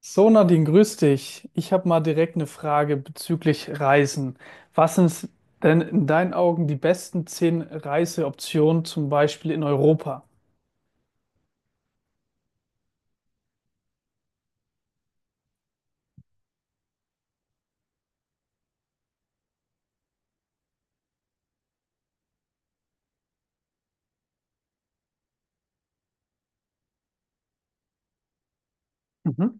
So, Nadine, grüß dich. Ich habe mal direkt eine Frage bezüglich Reisen. Was sind denn in deinen Augen die besten 10 Reiseoptionen, zum Beispiel in Europa? Mhm.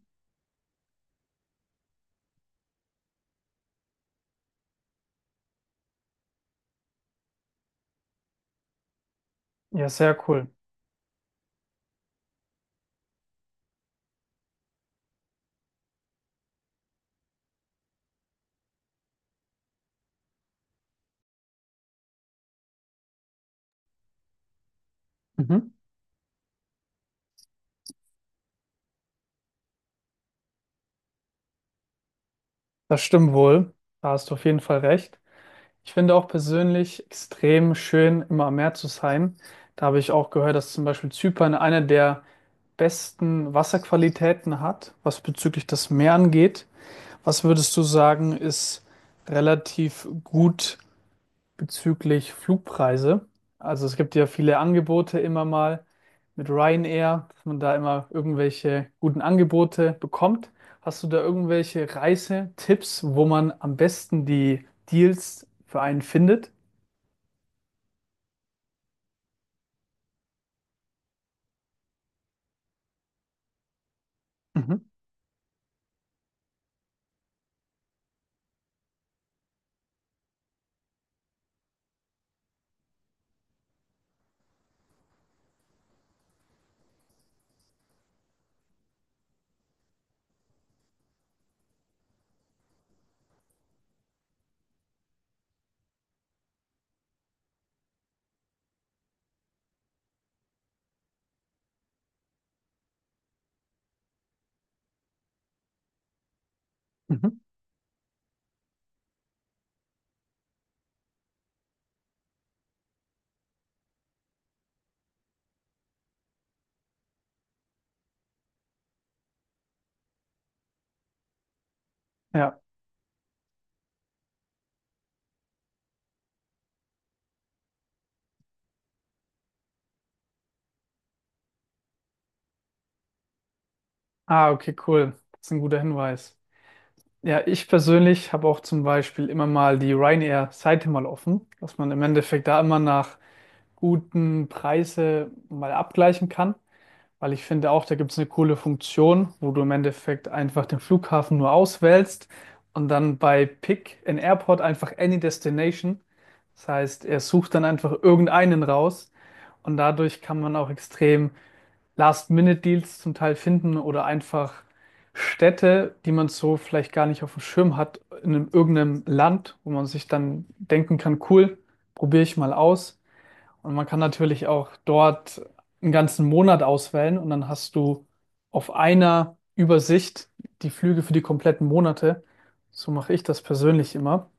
Ja, sehr cool. Mhm. Das stimmt wohl. Da hast du auf jeden Fall recht. Ich finde auch persönlich extrem schön, immer am Meer zu sein. Da habe ich auch gehört, dass zum Beispiel Zypern eine der besten Wasserqualitäten hat, was bezüglich das Meer angeht. Was würdest du sagen, ist relativ gut bezüglich Flugpreise? Also es gibt ja viele Angebote immer mal mit Ryanair, dass man da immer irgendwelche guten Angebote bekommt. Hast du da irgendwelche Reisetipps, wo man am besten die Deals für einen findet? Mhm. Mhm. Ja. Ah, okay, cool. Das ist ein guter Hinweis. Ja, ich persönlich habe auch zum Beispiel immer mal die Ryanair-Seite mal offen, dass man im Endeffekt da immer nach guten Preise mal abgleichen kann. Weil ich finde auch, da gibt es eine coole Funktion, wo du im Endeffekt einfach den Flughafen nur auswählst und dann bei Pick in Airport einfach Any Destination. Das heißt, er sucht dann einfach irgendeinen raus, und dadurch kann man auch extrem Last-Minute-Deals zum Teil finden oder einfach Städte, die man so vielleicht gar nicht auf dem Schirm hat, irgendeinem Land, wo man sich dann denken kann, cool, probiere ich mal aus. Und man kann natürlich auch dort einen ganzen Monat auswählen und dann hast du auf einer Übersicht die Flüge für die kompletten Monate. So mache ich das persönlich immer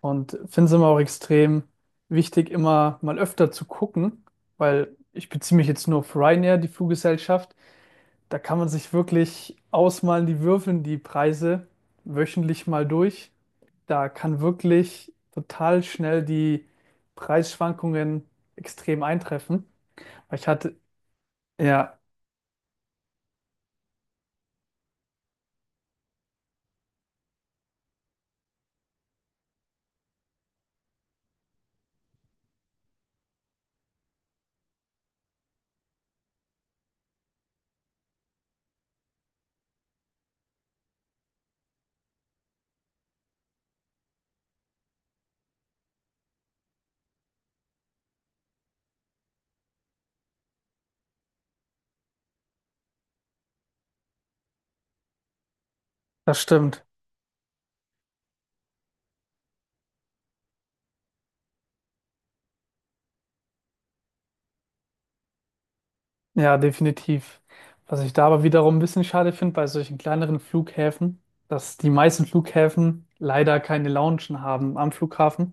und finde es immer auch extrem wichtig, immer mal öfter zu gucken, weil ich beziehe mich jetzt nur auf Ryanair, die Fluggesellschaft. Da kann man sich wirklich ausmalen, die würfeln die Preise wöchentlich mal durch. Da kann wirklich total schnell die Preisschwankungen extrem eintreffen. Ich hatte, ja, das stimmt. Ja, definitiv. Was ich da aber wiederum ein bisschen schade finde bei solchen kleineren Flughäfen, dass die meisten Flughäfen leider keine Loungen haben am Flughafen,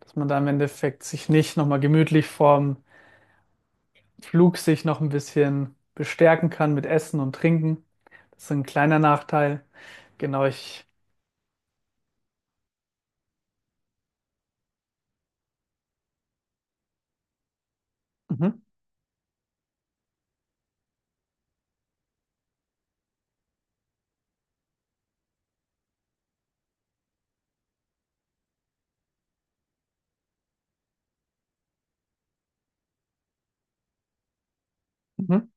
dass man da im Endeffekt sich nicht nochmal gemütlich vorm Flug sich noch ein bisschen bestärken kann mit Essen und Trinken. Das ist ein kleiner Nachteil. Genau, ich, mhm. Mhm.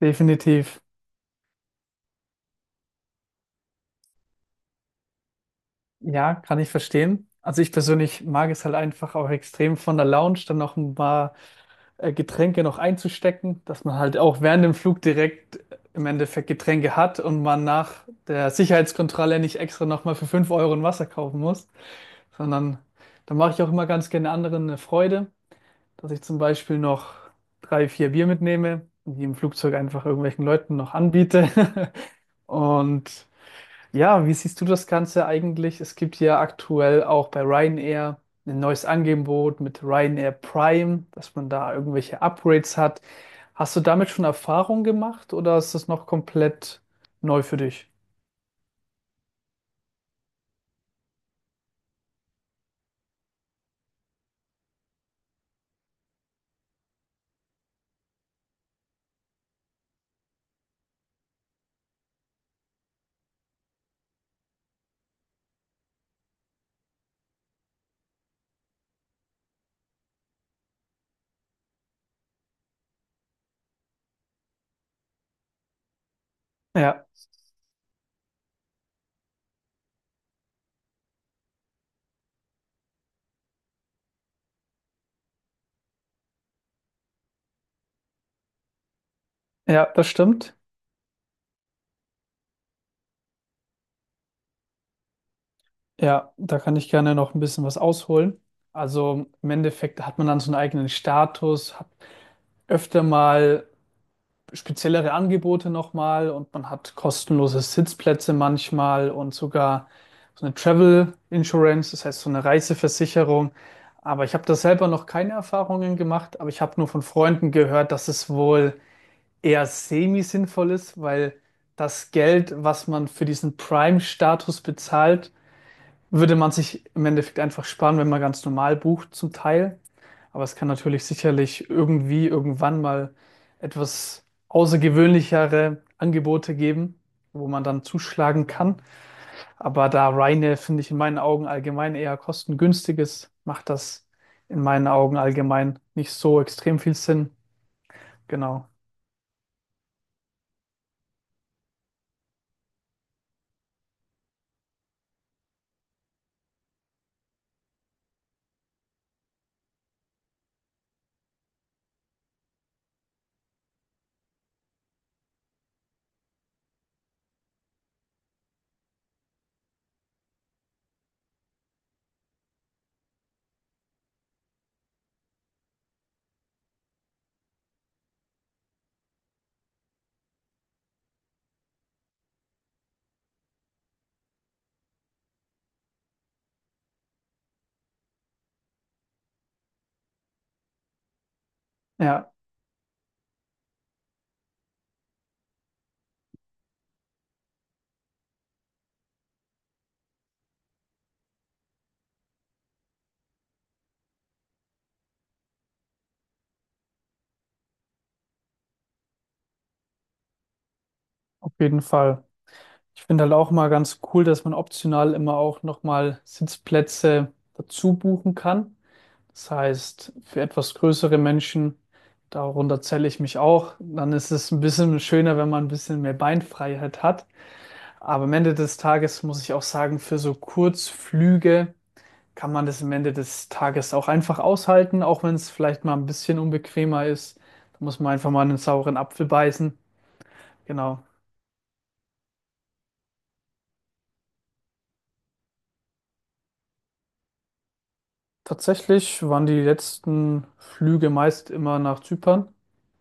Definitiv. Ja, kann ich verstehen. Also ich persönlich mag es halt einfach auch extrem von der Lounge dann noch ein paar Getränke noch einzustecken, dass man halt auch während dem Flug direkt im Endeffekt Getränke hat und man nach der Sicherheitskontrolle nicht extra nochmal für 5 € ein Wasser kaufen muss, sondern da mache ich auch immer ganz gerne anderen eine Freude, dass ich zum Beispiel noch drei, vier Bier mitnehme und die im Flugzeug einfach irgendwelchen Leuten noch anbiete. Und ja, wie siehst du das Ganze eigentlich? Es gibt ja aktuell auch bei Ryanair ein neues Angebot mit Ryanair Prime, dass man da irgendwelche Upgrades hat. Hast du damit schon Erfahrung gemacht oder ist das noch komplett neu für dich? Ja, ja, das stimmt. Ja, da kann ich gerne noch ein bisschen was ausholen. Also im Endeffekt hat man dann so einen eigenen Status, hat öfter mal speziellere Angebote nochmal und man hat kostenlose Sitzplätze manchmal und sogar so eine Travel Insurance, das heißt so eine Reiseversicherung. Aber ich habe da selber noch keine Erfahrungen gemacht, aber ich habe nur von Freunden gehört, dass es wohl eher semi-sinnvoll ist, weil das Geld, was man für diesen Prime-Status bezahlt, würde man sich im Endeffekt einfach sparen, wenn man ganz normal bucht zum Teil. Aber es kann natürlich sicherlich irgendwie irgendwann mal etwas außergewöhnlichere Angebote geben, wo man dann zuschlagen kann. Aber da Ryanair, finde ich, in meinen Augen allgemein eher kostengünstig ist, macht das in meinen Augen allgemein nicht so extrem viel Sinn. Genau. Ja, auf jeden Fall. Ich finde halt auch mal ganz cool, dass man optional immer auch nochmal Sitzplätze dazu buchen kann. Das heißt, für etwas größere Menschen, darunter zähle ich mich auch, dann ist es ein bisschen schöner, wenn man ein bisschen mehr Beinfreiheit hat. Aber am Ende des Tages muss ich auch sagen, für so Kurzflüge kann man das am Ende des Tages auch einfach aushalten, auch wenn es vielleicht mal ein bisschen unbequemer ist. Da muss man einfach mal einen sauren Apfel beißen. Genau. Tatsächlich waren die letzten Flüge meist immer nach Zypern,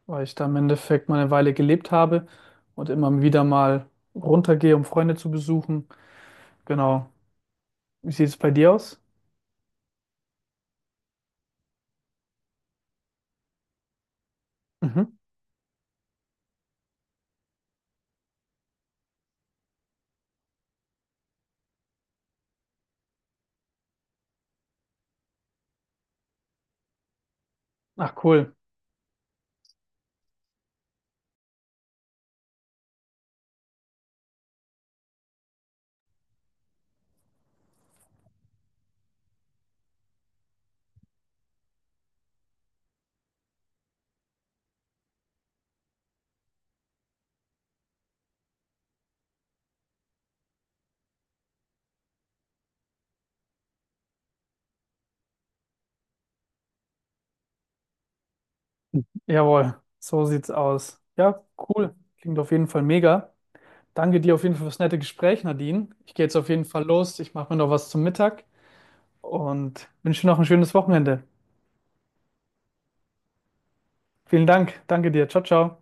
weil ich da im Endeffekt mal eine Weile gelebt habe und immer wieder mal runtergehe, um Freunde zu besuchen. Genau. Wie sieht es bei dir aus? Mhm. Ach, cool. Jawohl, so sieht's aus. Ja, cool. Klingt auf jeden Fall mega. Danke dir auf jeden Fall fürs nette Gespräch, Nadine. Ich gehe jetzt auf jeden Fall los. Ich mache mir noch was zum Mittag und wünsche dir noch ein schönes Wochenende. Vielen Dank. Danke dir. Ciao, ciao.